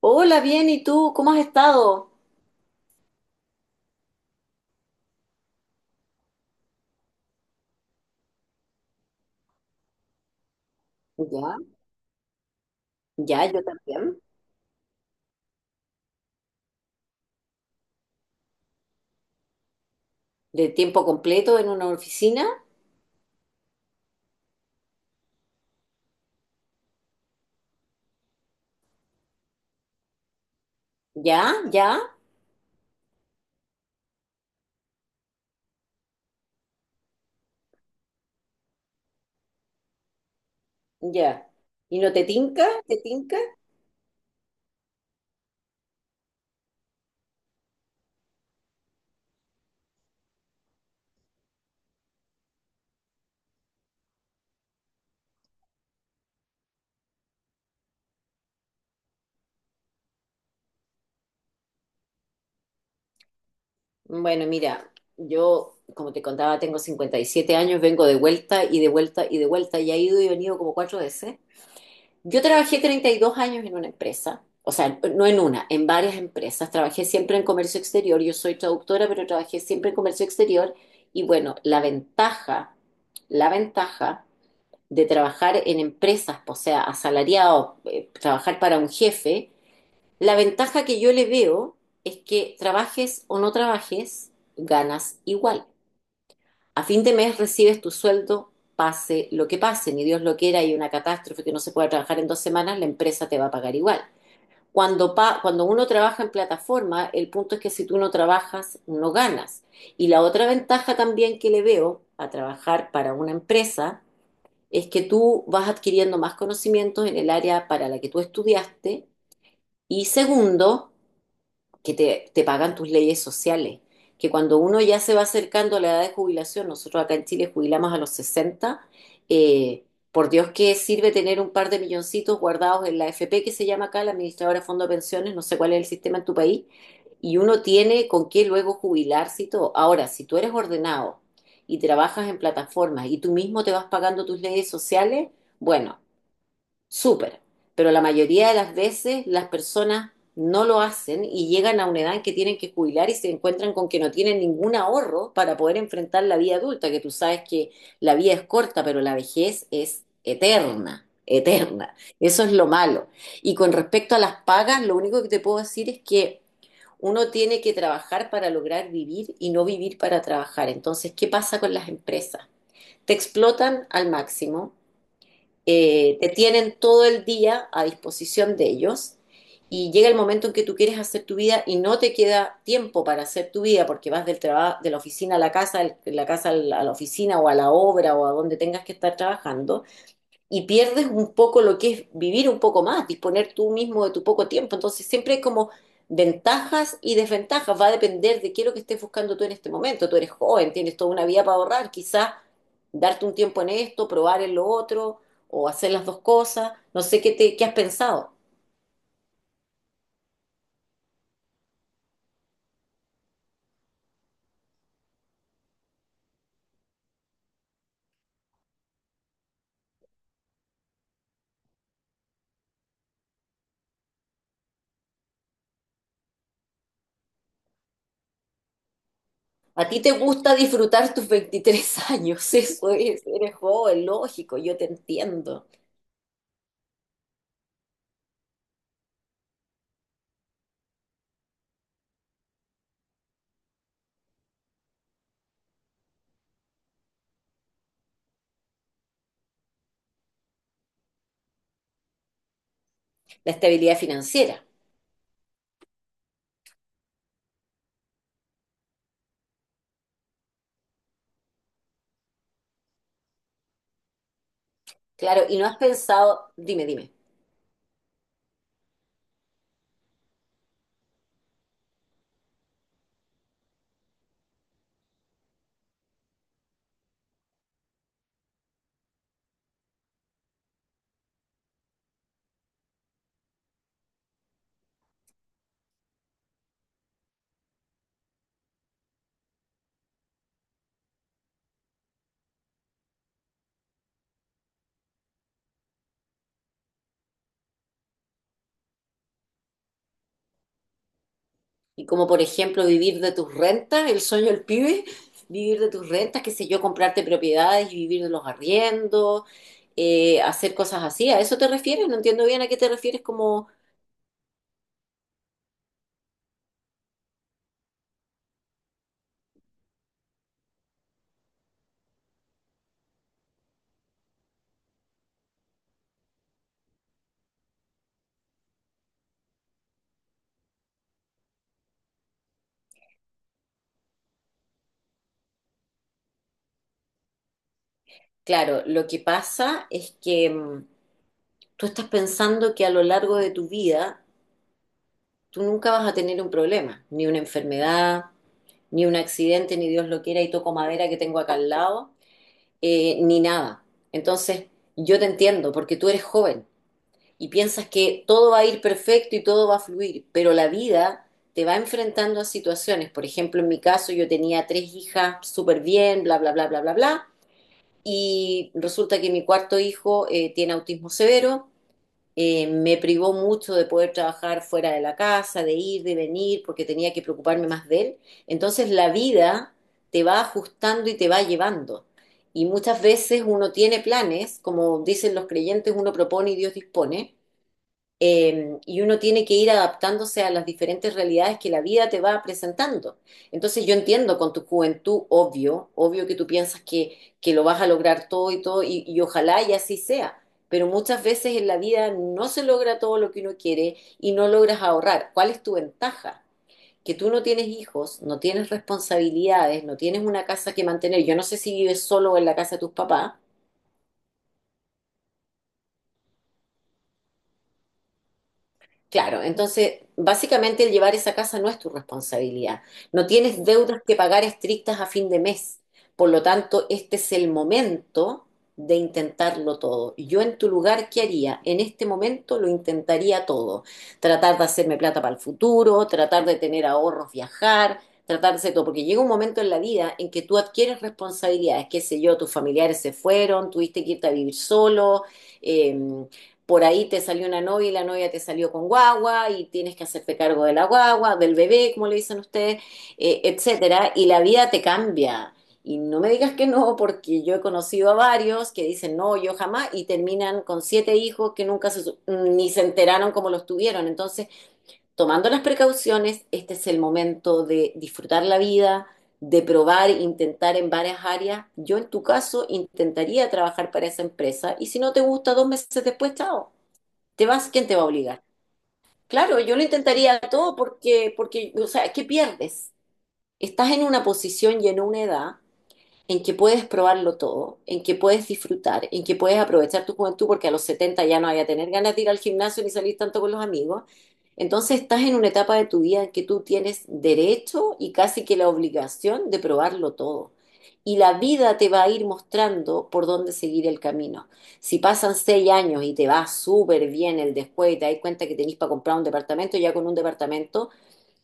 Hola, bien, ¿y tú? ¿Cómo has estado? Ya, ya, yo también. De tiempo completo en una oficina. Ya, ya, ya. ¿Y no te tinca? ¿Te tinca? Bueno, mira, yo, como te contaba, tengo 57 años, vengo de vuelta y de vuelta y de vuelta y he ido y venido como cuatro veces. Yo trabajé 32 años en una empresa, o sea, no en una, en varias empresas. Trabajé siempre en comercio exterior, yo soy traductora, pero trabajé siempre en comercio exterior. Y bueno, la ventaja de trabajar en empresas, o sea, asalariado, trabajar para un jefe, la ventaja que yo le veo es que trabajes o no trabajes, ganas igual. A fin de mes recibes tu sueldo, pase lo que pase, ni Dios lo quiera, y una catástrofe que no se pueda trabajar en 2 semanas, la empresa te va a pagar igual. Cuando uno trabaja en plataforma, el punto es que si tú no trabajas, no ganas. Y la otra ventaja también que le veo a trabajar para una empresa es que tú vas adquiriendo más conocimientos en el área para la que tú estudiaste. Y segundo, que te pagan tus leyes sociales, que cuando uno ya se va acercando a la edad de jubilación, nosotros acá en Chile jubilamos a los 60, eh, por Dios que sirve tener un par de milloncitos guardados en la AFP, que se llama acá, la Administradora de Fondo de Pensiones. No sé cuál es el sistema en tu país, y uno tiene con qué luego jubilarse y todo. Ahora, si tú eres ordenado y trabajas en plataformas y tú mismo te vas pagando tus leyes sociales, bueno, súper. Pero la mayoría de las veces las personas no lo hacen y llegan a una edad en que tienen que jubilar y se encuentran con que no tienen ningún ahorro para poder enfrentar la vida adulta, que tú sabes que la vida es corta, pero la vejez es eterna, eterna. Eso es lo malo. Y con respecto a las pagas, lo único que te puedo decir es que uno tiene que trabajar para lograr vivir y no vivir para trabajar. Entonces, ¿qué pasa con las empresas? Te explotan al máximo. Te tienen todo el día a disposición de ellos y llega el momento en que tú quieres hacer tu vida y no te queda tiempo para hacer tu vida porque vas del trabajo de la oficina a la casa, de la casa a la oficina o a la obra o a donde tengas que estar trabajando y pierdes un poco lo que es vivir un poco más, disponer tú mismo de tu poco tiempo. Entonces siempre es como ventajas y desventajas, va a depender de qué es lo que estés buscando tú en este momento. Tú eres joven, tienes toda una vida para ahorrar, quizás darte un tiempo en esto, probar en lo otro o hacer las dos cosas. No sé qué te, qué has pensado. A ti te gusta disfrutar tus 23 años, eso es, eres joven, lógico, yo te entiendo. La estabilidad financiera, claro, y no has pensado, dime, dime. Y como por ejemplo vivir de tus rentas, el sueño del pibe, vivir de tus rentas, qué sé yo, comprarte propiedades y vivir de los arriendos, hacer cosas así. ¿A eso te refieres? No entiendo bien a qué te refieres, como... Claro, lo que pasa es que tú estás pensando que a lo largo de tu vida tú nunca vas a tener un problema, ni una enfermedad, ni un accidente, ni Dios lo quiera y toco madera que tengo acá al lado, ni nada. Entonces, yo te entiendo porque tú eres joven y piensas que todo va a ir perfecto y todo va a fluir, pero la vida te va enfrentando a situaciones. Por ejemplo, en mi caso yo tenía tres hijas súper bien, bla, bla, bla, bla, bla, bla, y resulta que mi cuarto hijo tiene autismo severo. Me privó mucho de poder trabajar fuera de la casa, de ir, de venir, porque tenía que preocuparme más de él. Entonces la vida te va ajustando y te va llevando. Y muchas veces uno tiene planes, como dicen los creyentes, uno propone y Dios dispone, y uno tiene que ir adaptándose a las diferentes realidades que la vida te va presentando. Entonces yo entiendo, con tu juventud, obvio, obvio que tú piensas que lo vas a lograr todo y todo, y ojalá y así sea, pero muchas veces en la vida no se logra todo lo que uno quiere y no logras ahorrar. ¿Cuál es tu ventaja? Que tú no tienes hijos, no tienes responsabilidades, no tienes una casa que mantener. Yo no sé si vives solo en la casa de tus papás. Claro, entonces básicamente el llevar esa casa no es tu responsabilidad. No tienes deudas que pagar estrictas a fin de mes. Por lo tanto, este es el momento de intentarlo todo. Yo en tu lugar, ¿qué haría? En este momento lo intentaría todo. Tratar de hacerme plata para el futuro, tratar de tener ahorros, viajar, tratar de hacer todo. Porque llega un momento en la vida en que tú adquieres responsabilidades. Qué sé yo, tus familiares se fueron, tuviste que irte a vivir solo, em, por ahí te salió una novia y la novia te salió con guagua y tienes que hacerte cargo de la guagua, del bebé, como le dicen ustedes, etcétera, y la vida te cambia. Y no me digas que no, porque yo he conocido a varios que dicen no, yo jamás, y terminan con siete hijos que nunca se, ni se enteraron cómo los tuvieron. Entonces, tomando las precauciones, este es el momento de disfrutar la vida, de probar, intentar en varias áreas. Yo en tu caso intentaría trabajar para esa empresa y si no te gusta 2 meses después, chao, te vas. ¿Quién te va a obligar? Claro, yo lo intentaría todo porque, porque, o sea, ¿qué pierdes? Estás en una posición y en una edad en que puedes probarlo todo, en que puedes disfrutar, en que puedes aprovechar tu juventud, porque a los 70 ya no vaya a tener ganas de ir al gimnasio ni salir tanto con los amigos. Entonces estás en una etapa de tu vida en que tú tienes derecho y casi que la obligación de probarlo todo. Y la vida te va a ir mostrando por dónde seguir el camino. Si pasan 6 años y te va súper bien el después y te das cuenta que tenés para comprar un departamento, ya con un departamento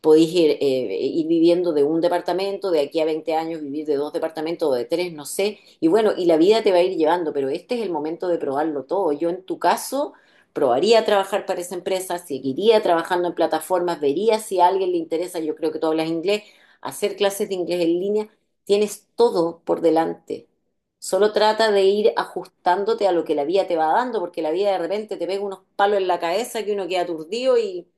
podéis ir, ir viviendo de un departamento, de aquí a 20 años vivir de dos departamentos o de tres, no sé. Y bueno, y la vida te va a ir llevando, pero este es el momento de probarlo todo. Yo en tu caso probaría trabajar para esa empresa, seguiría trabajando en plataformas, vería si a alguien le interesa, yo creo que tú hablas inglés, hacer clases de inglés en línea, tienes todo por delante. Solo trata de ir ajustándote a lo que la vida te va dando, porque la vida de repente te pega unos palos en la cabeza que uno queda aturdido, y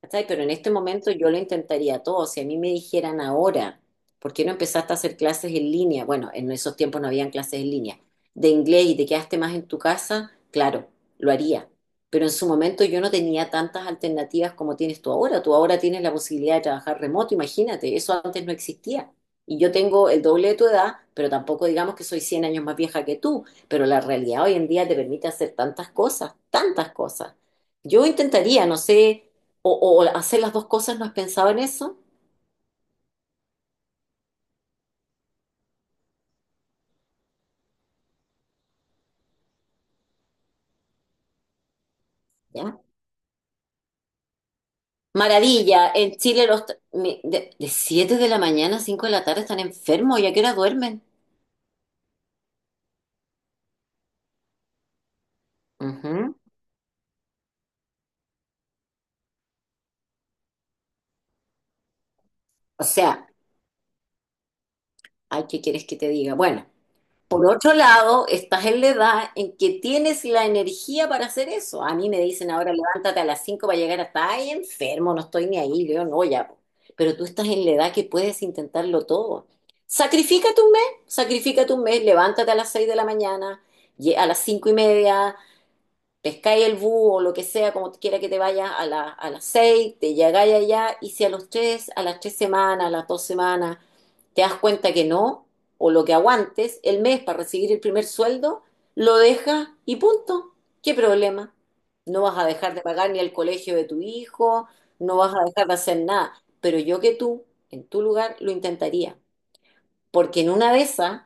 ¿cachai? Pero en este momento yo lo intentaría todo. Si a mí me dijeran ahora, ¿por qué no empezaste a hacer clases en línea? Bueno, en esos tiempos no habían clases en línea. De inglés y te quedaste más en tu casa, claro, lo haría. Pero en su momento yo no tenía tantas alternativas como tienes tú ahora. Tú ahora tienes la posibilidad de trabajar remoto, imagínate, eso antes no existía. Y yo tengo el doble de tu edad, pero tampoco digamos que soy 100 años más vieja que tú. Pero la realidad hoy en día te permite hacer tantas cosas, tantas cosas. Yo intentaría, no sé, o hacer las dos cosas. ¿No has pensado en eso? ¿Ya? Maravilla, en Chile los... tra- mi- de 7 de la mañana a 5 de la tarde están enfermos, ¿y a qué hora duermen? Ujú. O sea, ay, ¿qué quieres que te diga? Bueno, por otro lado, estás en la edad en que tienes la energía para hacer eso. A mí me dicen ahora, levántate a las 5 para llegar hasta ahí, enfermo, no estoy ni ahí, yo no, ya. po". Pero tú estás en la edad que puedes intentarlo todo. Sacrifícate un mes, levántate a las 6 de la mañana, a las 5 y media, pescáis el búho o lo que sea, como quiera que te vayas a la, a las seis, te llegáis allá y si a las 3 semanas, a las 2 semanas, te das cuenta que no, o lo que aguantes el mes para recibir el primer sueldo, lo dejas y punto. ¿Qué problema? No vas a dejar de pagar ni el colegio de tu hijo, no vas a dejar de hacer nada. Pero yo que tú, en tu lugar, lo intentaría. Porque en una de esas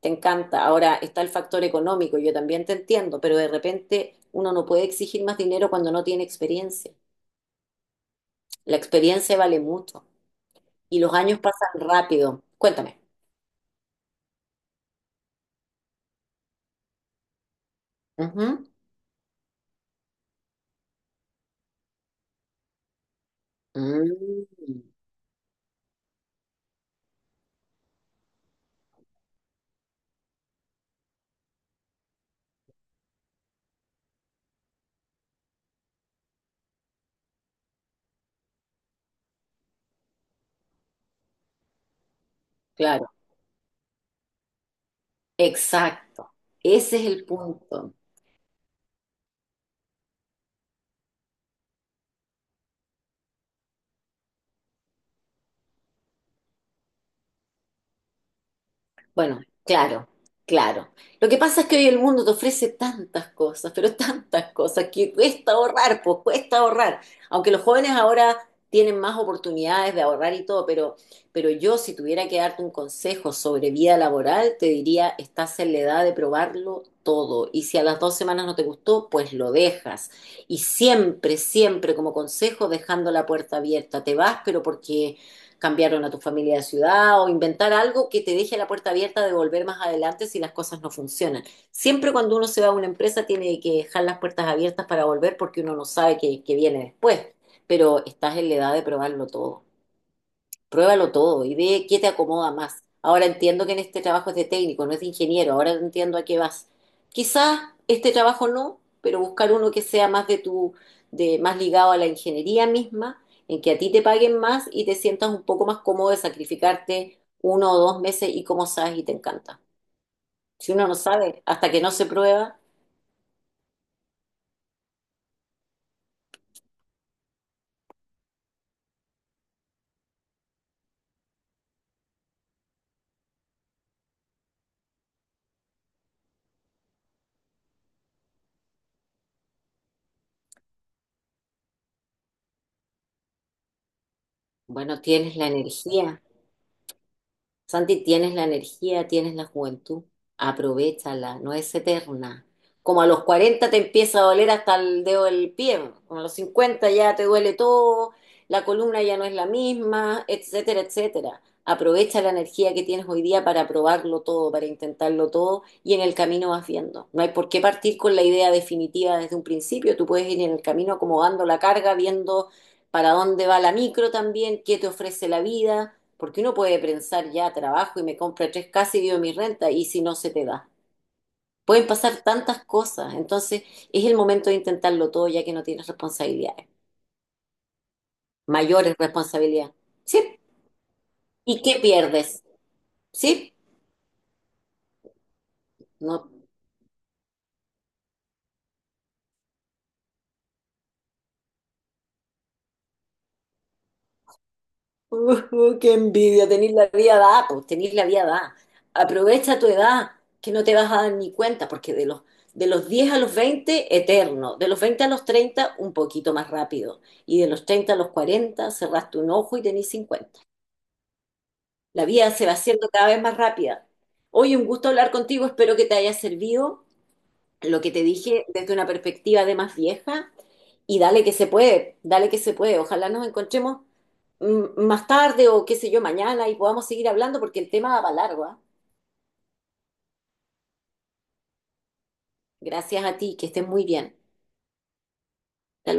te encanta. Ahora está el factor económico, yo también te entiendo, pero de repente uno no puede exigir más dinero cuando no tiene experiencia. La experiencia vale mucho y los años pasan rápido. Cuéntame. Ujú. Mm, claro, exacto. Ese es el punto. Bueno, claro, claro. Lo que pasa es que hoy el mundo te ofrece tantas cosas, pero tantas cosas, que cuesta ahorrar, pues cuesta ahorrar. Aunque los jóvenes ahora tienen más oportunidades de ahorrar y todo, pero, yo si tuviera que darte un consejo sobre vida laboral, te diría, estás en la edad de probarlo todo. Y si a las 2 semanas no te gustó, pues lo dejas. Y siempre, siempre como consejo, dejando la puerta abierta. Te vas, pero porque cambiaron a tu familia de ciudad o inventar algo que te deje la puerta abierta de volver más adelante si las cosas no funcionan. Siempre cuando uno se va a una empresa tiene que dejar las puertas abiertas para volver porque uno no sabe qué viene después, pero estás en la edad de probarlo todo. Pruébalo todo y ve qué te acomoda más. Ahora entiendo que en este trabajo es de técnico, no es de ingeniero, ahora entiendo a qué vas. Quizás este trabajo no, pero buscar uno que sea más de tu, más ligado a la ingeniería misma, en que a ti te paguen más y te sientas un poco más cómodo de sacrificarte 1 o 2 meses y como sabes y te encanta. Si uno no sabe, hasta que no se prueba, bueno, tienes la energía. Santi, tienes la energía, tienes la juventud, aprovéchala, no es eterna. Como a los 40 te empieza a doler hasta el dedo del pie, como a los 50 ya te duele todo, la columna ya no es la misma, etcétera, etcétera. Aprovecha la energía que tienes hoy día para probarlo todo, para intentarlo todo y en el camino vas viendo. No hay por qué partir con la idea definitiva desde un principio, tú puedes ir en el camino acomodando la carga, viendo para dónde va la micro también, qué te ofrece la vida porque uno puede pensar, ya trabajo y me compra tres casas y vivo mi renta, y si no se te da. Pueden pasar tantas cosas, entonces es el momento de intentarlo todo ya que no tienes responsabilidades, mayores responsabilidades. ¿Sí? ¿Y qué pierdes? ¿Sí? No. Qué envidia, tenés la vida dada, pues tenés la vida dada. Aprovecha tu edad, que no te vas a dar ni cuenta, porque de los 10 a los 20 eterno. De los 20 a los 30 un poquito más rápido. Y de los 30 a los 40 cerraste un ojo y tenés 50. La vida se va haciendo cada vez más rápida. Hoy un gusto hablar contigo, espero que te haya servido lo que te dije desde una perspectiva de más vieja y dale que se puede, dale que se puede. Ojalá nos encontremos más tarde o qué sé yo, mañana y podamos seguir hablando porque el tema va para largo, ¿ah? Gracias a ti, que estés muy bien.